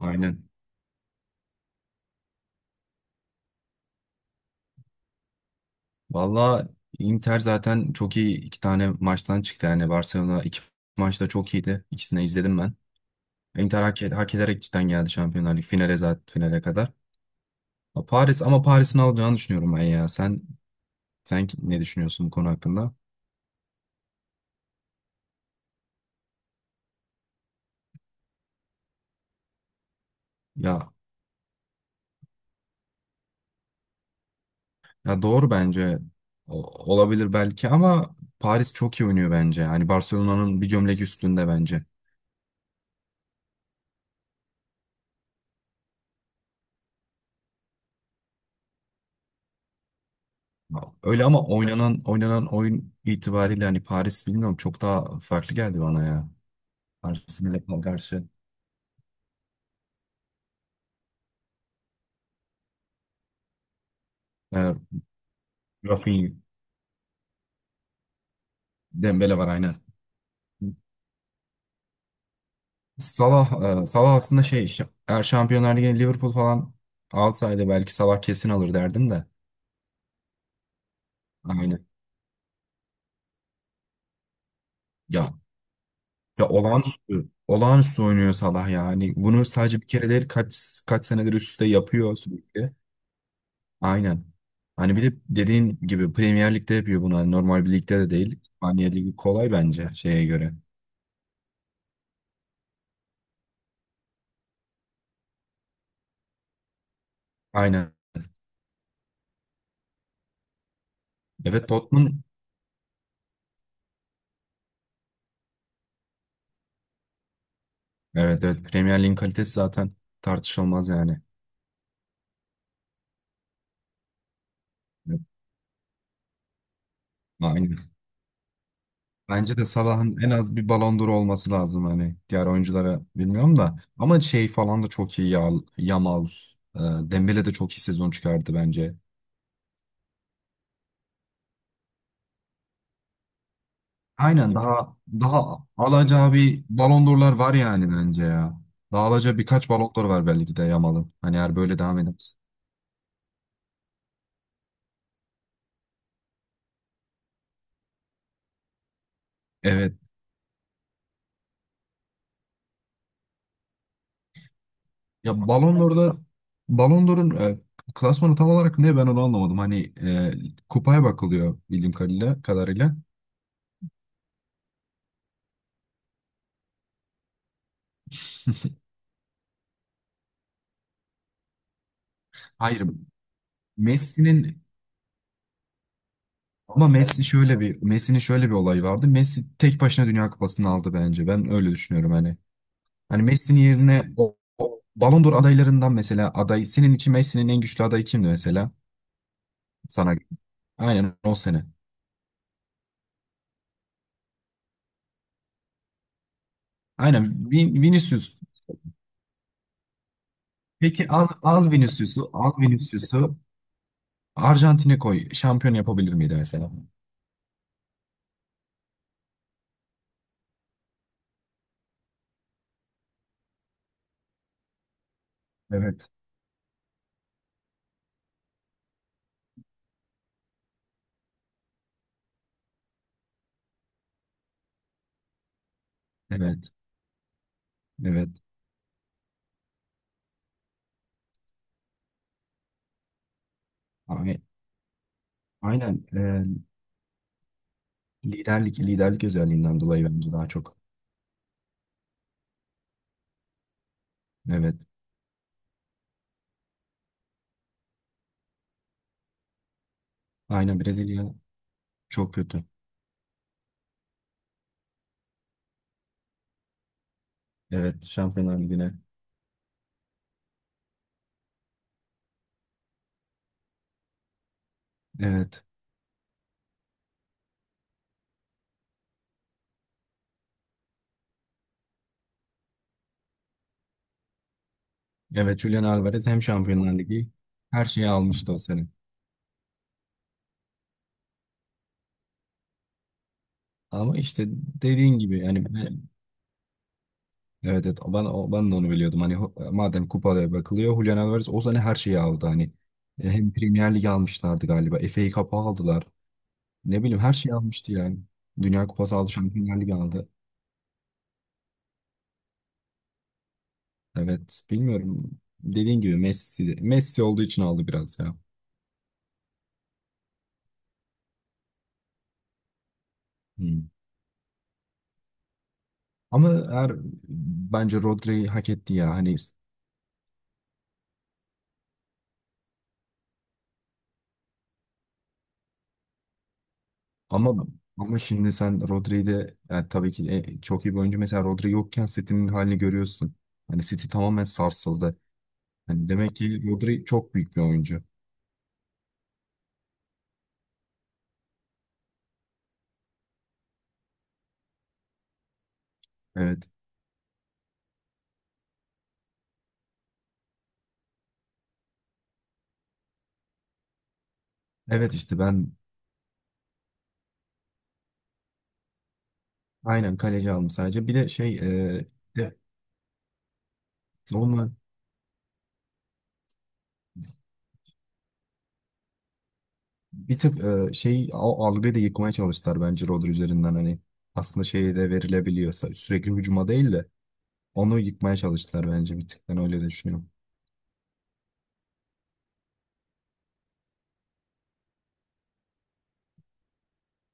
Aynen. Valla, Inter zaten çok iyi iki tane maçtan çıktı. Yani Barcelona iki maçta çok iyiydi. İkisini izledim ben. Inter hak ederek cidden geldi Şampiyonlar Ligi finale zaten finale kadar. Ha, Paris ama Paris'in alacağını düşünüyorum ben ya. Sen ne düşünüyorsun bu konu hakkında? Ya ya, doğru bence. Olabilir belki ama Paris çok iyi oynuyor bence. Hani Barcelona'nın bir gömlek üstünde bence. Öyle ama oynanan oyun itibariyle hani Paris bilmiyorum çok daha farklı geldi bana ya. Arsenal'e karşı e, Rafinha, Dembele var aynen. Salah, Salah aslında eğer Şampiyonlar Ligi'ne Liverpool falan alsaydı belki Salah kesin alır derdim de. Aynen. Ya ya, olağanüstü oynuyor Salah ya. Hani bunu sadece bir kere değil kaç senedir üst üste yapıyor sürekli. Aynen. Hani bir de dediğin gibi Premier Lig'de yapıyor bunu. Hani normal bir ligde de değil. İspanya Ligi kolay bence şeye göre. Aynen. Evet Tottenham. Evet evet, Premier Lig'in kalitesi zaten tartışılmaz yani. Evet, aynen. Bence de Salah'ın en az bir Ballon d'Or olması lazım hani diğer oyunculara bilmiyorum da ama şey falan da çok iyi ya. Yamal, Dembele de çok iyi sezon çıkardı bence. Aynen, daha alacağı bir Ballon d'Or'lar var yani bence ya. Daha alacağı birkaç Ballon d'Or var belki de Yamal'ın. Hani eğer böyle devam ederse. Evet. Ya Ballon d'Or'da Ballon d'Or'un klasmanı tam olarak ne ben onu anlamadım. Hani kupaya bakılıyor bildiğim kadarıyla. Hayır Messi'nin ama Messi şöyle bir. Messi'nin şöyle bir olayı vardı. Messi tek başına Dünya Kupası'nı aldı bence. Ben öyle düşünüyorum hani. Hani Messi'nin yerine o Ballon d'Or adaylarından mesela aday senin için Messi'nin en güçlü adayı kimdi mesela? Sana aynen o sene. Aynen. Vinicius. Peki al Vinicius'u, al Vinicius'u. Arjantin'e koy. Şampiyon yapabilir miydi mesela? Evet. Evet. Evet. Ay- Aynen. Liderlik özelliğinden dolayı bence daha çok. Evet. Aynen, Brezilya çok kötü. Evet. Şampiyonlar Ligi'ne. Evet. Evet. Julian Alvarez hem Şampiyonlar Ligi, her şeyi almıştı o sene. Ama işte dediğin gibi yani evet, ben de onu biliyordum. Hani madem kupada bakılıyor Julian Alvarez o sene her şeyi aldı. Hani hem Premier Lig almışlardı galiba. FA Cup'ı aldılar. Ne bileyim her şey almıştı yani. Dünya Kupası aldı, Şampiyonlar Ligi aldı. Evet, bilmiyorum. Dediğin gibi Messi Messi olduğu için aldı biraz ya. Hmm. Ama eğer bence Rodri'yi hak etti ya. Hani ama ama şimdi sen Rodri'yi de yani tabii ki çok iyi bir oyuncu. Mesela Rodri yokken City'nin halini görüyorsun. Hani City tamamen sarsıldı. Hani demek ki Rodri çok büyük bir oyuncu. Evet. Evet işte ben aynen kaleci aldım sadece. Bir de şey, e, de, savunma. Bir tık şey, o algıyı da yıkmaya çalıştılar bence Rodri üzerinden hani aslında şeyi de verilebiliyorsa sürekli hücuma değil de onu yıkmaya çalıştılar bence bir tık, ben öyle de düşünüyorum.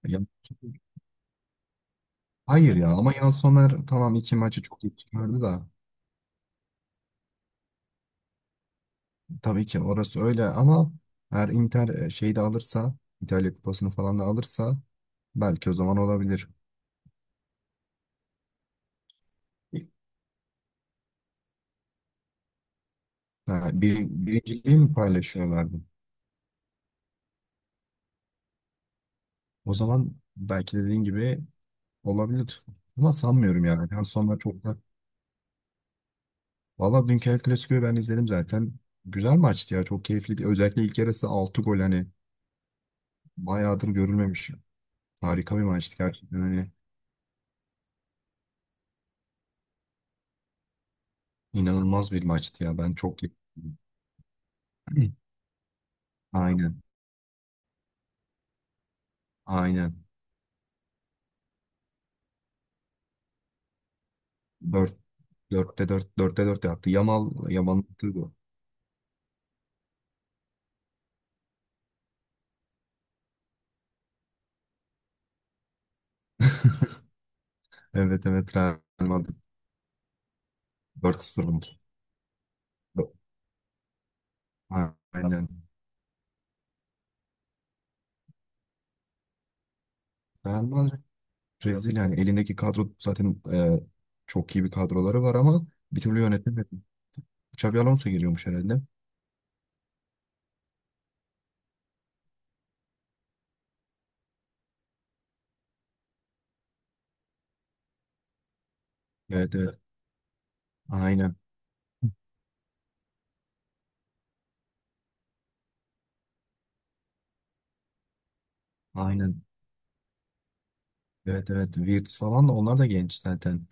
Ya, hayır ya, ama Yan Somer tamam iki maçı çok iyi çıkardı da tabii ki orası öyle ama eğer Inter şeyi de alırsa, İtalya Kupası'nı falan da alırsa belki o zaman olabilir. Birinciliği mi paylaşıyorlardı? O zaman belki dediğin gibi olabilir. Ama sanmıyorum yani. Yan Somer çok da. Valla dünkü El Clasico'yu ben izledim zaten. Güzel maçtı ya. Çok keyifliydi. Özellikle ilk yarısı 6 gol hani bayağıdır görülmemiş. Harika bir maçtı gerçekten. Hani inanılmaz bir maçtı ya. Ben çok aynen. Aynen. Dört, dörtte dört yaptı. Yamal'ın attığı bu. Evet evet Real Madrid 4-0 olmuş. Aynen. Real Madrid rezil yani elindeki kadro zaten, çok iyi bir kadroları var ama bir türlü yönetemedi. Xabi Alonso geliyormuş herhalde. Evet evet. Aynen. Aynen. Evet evet. Wirtz falan da, onlar da genç zaten.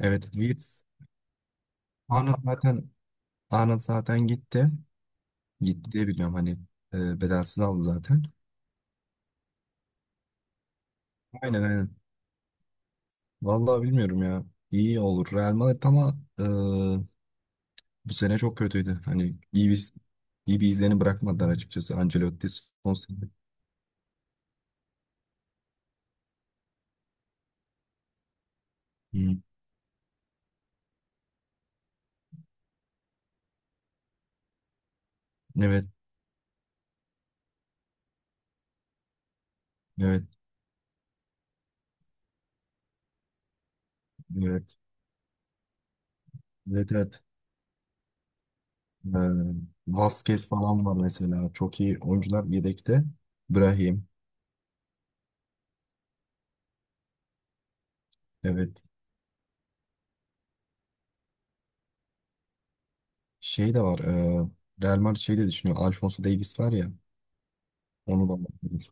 Evet Wirtz. Arnold zaten Arnold zaten gitti. Gitti diye biliyorum hani bedelsiz aldı zaten. Aynen aynen. Vallahi bilmiyorum ya. İyi olur. Real Madrid ama bu sene çok kötüydü. Hani iyi bir izlerini bırakmadılar açıkçası. Ancelotti son sene. Hı. Evet evet evet. Evet evet. E, Vasquez falan var mesela. Çok iyi oyuncular yedekte. Brahim. Evet. Şey de var. Real Madrid şey de düşünüyor. Alphonso Davies var ya. Onu da alabilir.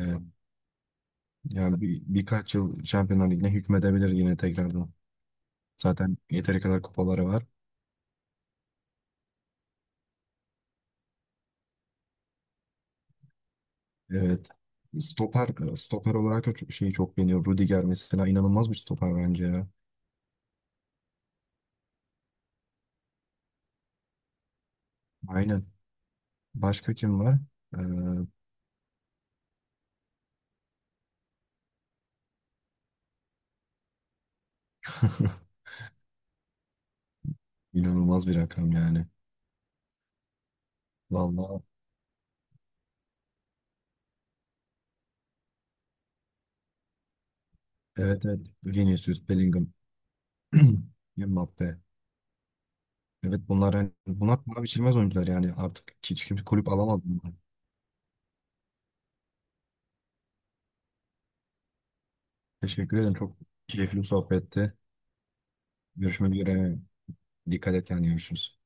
Evet. Yani birkaç yıl Şampiyonlar Ligi'ne hükmedebilir yine tekrardan. Zaten yeteri kadar kupaları var. Evet. Stoper, stoper olarak da şeyi çok beğeniyor. Rudiger mesela inanılmaz bir stoper bence ya. Aynen. Başka kim var? E, inanılmaz bir rakam yani. Vallahi evet evet. Vinicius, Bellingham, Mbappe. Evet bunlar yani bunlar para biçilmez oyuncular yani artık hiç kimse kulüp alamadı bunları. Teşekkür ederim, çok keyifli bir sohbetti. Görüşmek üzere. Dikkat et kendine, görüşürüz.